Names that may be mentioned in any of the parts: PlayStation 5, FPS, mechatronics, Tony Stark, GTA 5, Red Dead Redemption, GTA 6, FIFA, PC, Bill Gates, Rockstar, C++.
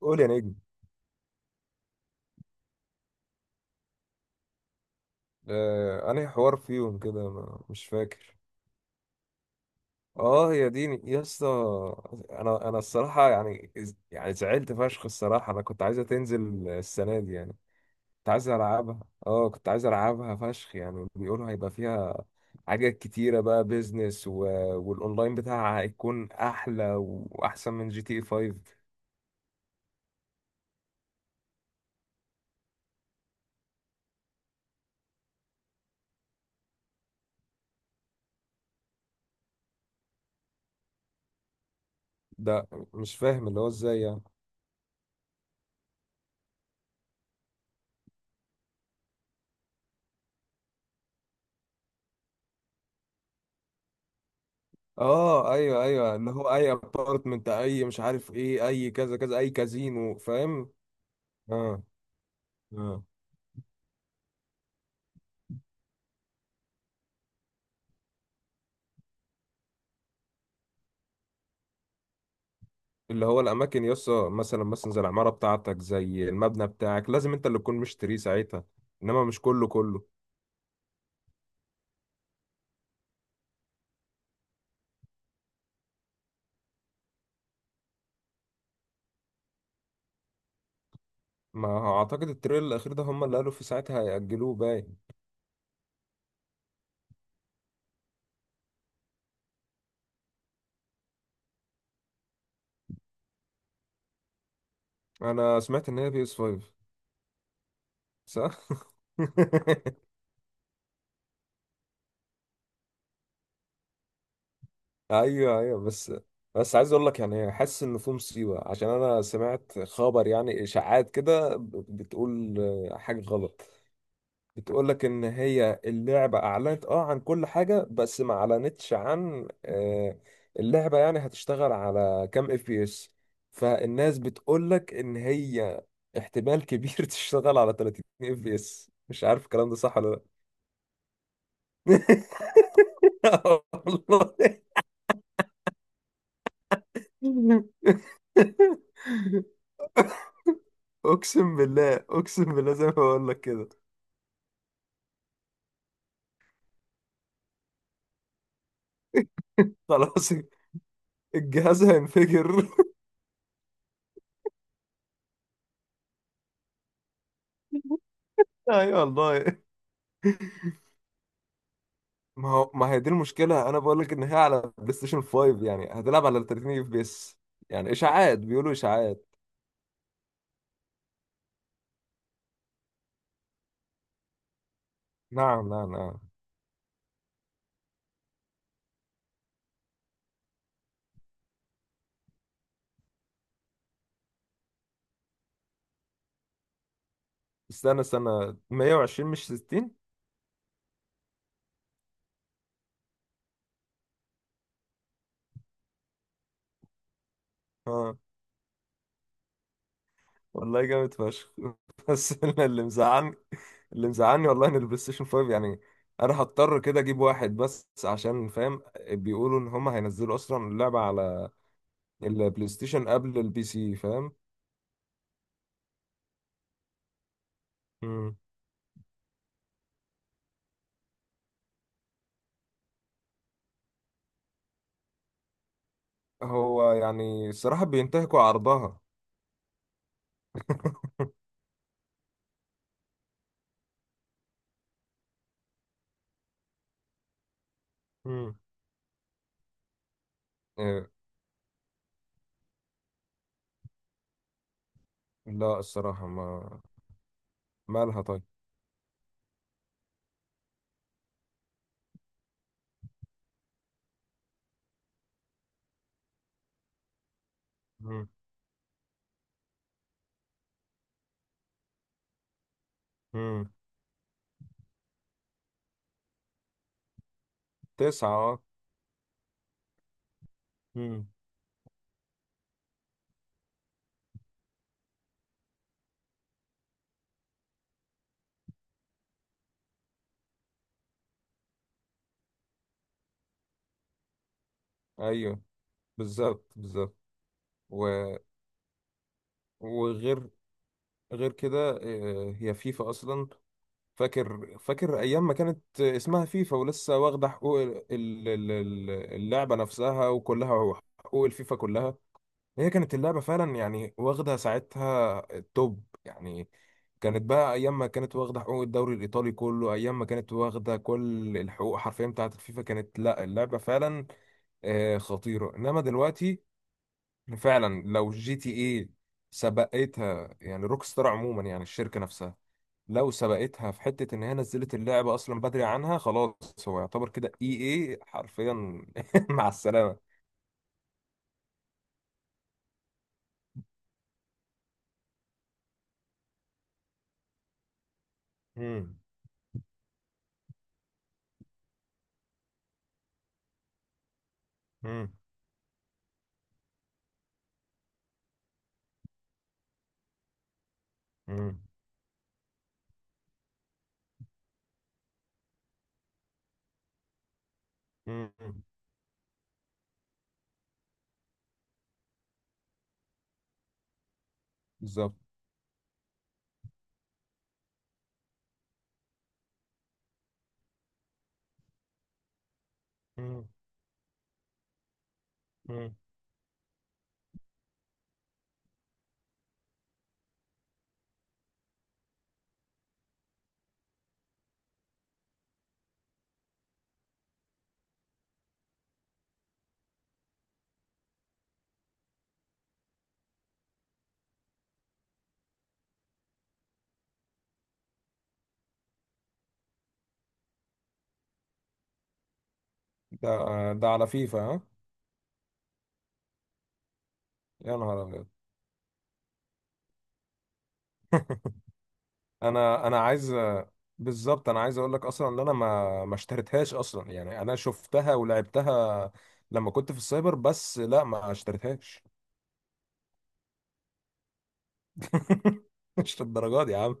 قول يا نجم. آه، أنهي حوار فيهم كده مش فاكر. اه هي دي يا اسطى. انا الصراحه يعني، يعني زعلت فشخ الصراحه. انا كنت عايزه تنزل السنه دي يعني، كنت عايز العبها. اه كنت عايز العبها فشخ يعني. بيقولوا هيبقى فيها حاجات كتيره بقى، بيزنس والاونلاين بتاعها هيكون احلى واحسن من جي تي اي 5. ده مش فاهم اللي هو ازاي يعني. اه ايوه، ايوه اللي هو اي ابارتمنت، اي مش عارف ايه، اي كذا كذا، اي كازينو، فاهم. اه، اه اللي هو الاماكن يسا مثلا، مثلا زي العماره بتاعتك، زي المبنى بتاعك، لازم انت اللي تكون مشتريه ساعتها. انما مش كله كله. ما هو اعتقد التريل الاخير ده هم اللي قالوا في ساعتها هيأجلوه باين. انا سمعت ان هي بي اس 5. صح. ايوه، ايوه بس. بس عايز اقول لك يعني، حاسس ان في مصيبه عشان انا سمعت خبر يعني اشاعات كده بتقول، حاجه غلط. بتقول لك ان هي اللعبه اعلنت اه عن كل حاجه بس ما اعلنتش عن اللعبه يعني هتشتغل على كام اف بي اس. فالناس بتقول لك ان هي احتمال كبير تشتغل على 30 اف بي اس. مش عارف الكلام ده صح ولا. لا والله. اقسم بالله، اقسم بالله زي ما بقول لك كده. خلاص الجهاز هينفجر. ايوه والله. ما هو ما هي دي المشكله، انا بقول لك ان هي على بلاي ستيشن 5 يعني هتلعب على 30 اف بي اس. يعني اشاعات، بيقولوا اشاعات. نعم، نعم، نعم. استنى 120 مش 60. اه والله جامد فشخ. بس أنا اللي مزعلني، اللي مزعلني والله ان البلاي ستيشن 5 يعني انا هضطر كده اجيب واحد بس، عشان فاهم، بيقولوا ان هم هينزلوا اصلا اللعبه على البلاي ستيشن قبل البي سي، فاهم. مم. هو يعني الصراحه بينتهكوا عرضها. مم. لا الصراحة ما. مالها طيب. مم. مم. تسعة اه. مم. ايوه بالظبط، بالظبط و... وغير، غير كده هي فيفا اصلا، فاكر، فاكر ايام ما كانت اسمها فيفا ولسه واخدة حقوق اللعبة نفسها وكلها، حقوق الفيفا كلها. هي كانت اللعبة فعلا يعني واخدة ساعتها التوب يعني. كانت بقى أيام ما كانت واخدة حقوق الدوري الإيطالي كله، أيام ما كانت واخدة كل الحقوق حرفيا بتاعة الفيفا، كانت لا اللعبة فعلا خطيرة. إنما دلوقتي فعلا لو جي تي إيه سبقتها يعني، روكستار عموما يعني الشركة نفسها، لو سبقتها في حتة إن هي نزلت اللعبة أصلا بدري عنها، خلاص هو يعتبر كده إي إيه حرفيا مع السلامة. مم. مم. مم. مم. بالظبط. مم. مم. ده، ده على فيفا ها. يا نهار ابيض. انا عايز، بالظبط انا عايز اقول لك اصلا ان انا ما اشتريتهاش اصلا يعني. انا شفتها ولعبتها لما كنت في السايبر بس، لا ما اشتريتهاش. مش للدرجه دي يا عم.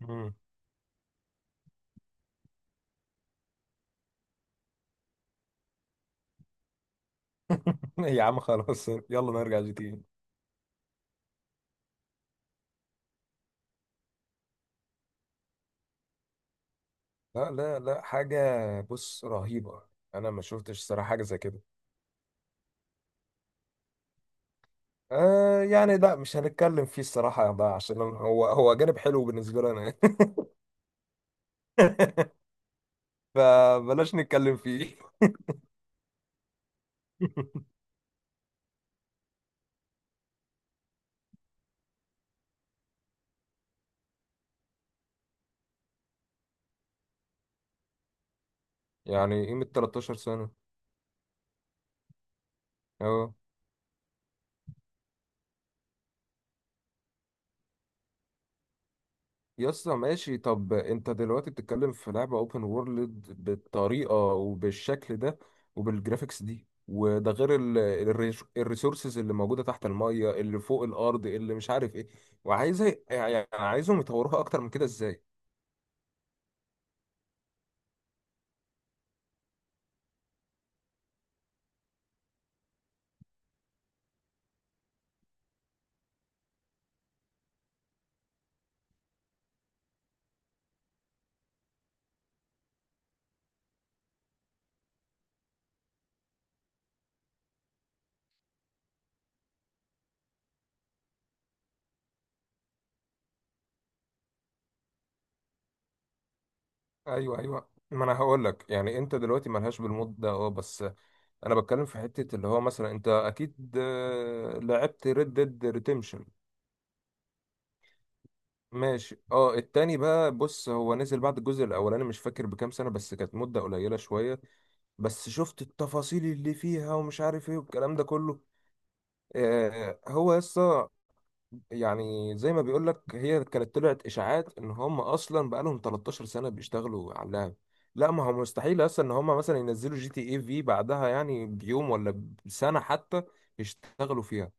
مم. يا عم خلاص يلا نرجع جي تي إيه. لا، لا، لا حاجه. بص رهيبه. انا ما شفتش صراحه حاجه زي كده. آه يعني لا مش هنتكلم فيه الصراحه ده، عشان هو، هو جانب حلو بالنسبه لنا. فبلاش نتكلم فيه. يعني قيمة 13 سنة. اه يا اسطى ماشي، طب انت دلوقتي بتتكلم في لعبة اوبن وورلد بالطريقة وبالشكل ده وبالجرافيكس دي، وده غير الريسورسز اللي موجودة تحت المية، اللي فوق الأرض، اللي مش عارف ايه، وعايزة يعني عايزهم يطوروها أكتر من كده ازاي. ايوه، ايوه ما انا هقول لك يعني انت دلوقتي ملهاش بالمود ده اه، بس انا بتكلم في حتة اللي هو مثلا انت اكيد لعبت ريد ديد ريديمشن. ماشي اه، التاني بقى بص هو نزل بعد الجزء الاولاني مش فاكر بكام سنة، بس كانت مدة قليلة شوية. بس شفت التفاصيل اللي فيها ومش عارف ايه والكلام ده كله. آه هو يسطا يعني زي ما بيقول لك هي كانت طلعت اشاعات ان هم اصلا بقالهم 13 سنه بيشتغلوا على اللعب. لا ما هو مستحيل اصلا ان هم مثلا ينزلوا جي تي اي في بعدها يعني بيوم ولا بسنه حتى يشتغلوا فيها.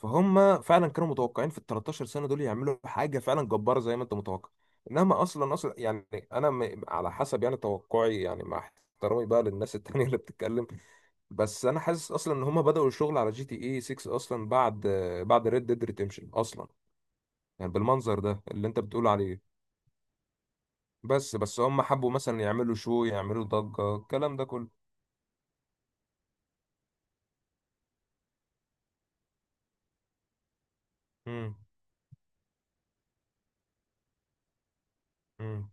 فهم فعلا كانوا متوقعين في ال 13 سنه دول يعملوا حاجه فعلا جباره زي ما انت متوقع. انما اصلا يعني انا على حسب يعني توقعي يعني، مع احترامي بقى للناس التانية اللي بتتكلم، بس انا حاسس اصلا ان هم بدأوا الشغل على جي تي اي 6 اصلا بعد، بعد ريد ديد ريديمشن اصلا، يعني بالمنظر ده اللي انت بتقول عليه. بس، بس هم حبوا مثلا يعملوا شو، يعملوا ضجة الكلام ده كله. امم، امم،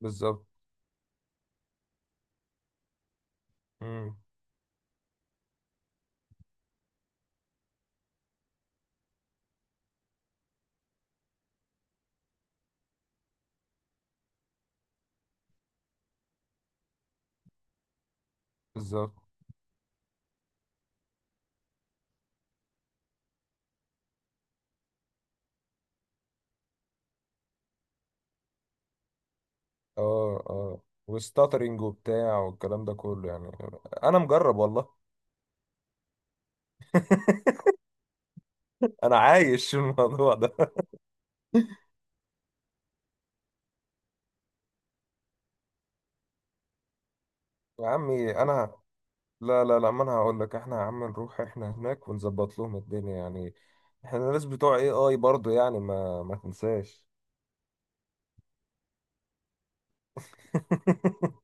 بالظبط. امم، بالظبط. اه، اه وستاترينج وبتاع والكلام ده كله يعني. انا مجرب والله. انا عايش الموضوع ده. يا عمي انا، لا، لا، لا، ما انا هقول لك احنا يا عم نروح احنا هناك ونظبط لهم الدنيا يعني، احنا الناس بتوع اي اي برضه يعني، ما تنساش.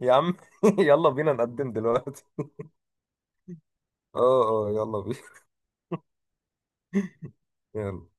يا عم يلا بينا نقدم دلوقتي. اه، اه يلا بينا. يلا.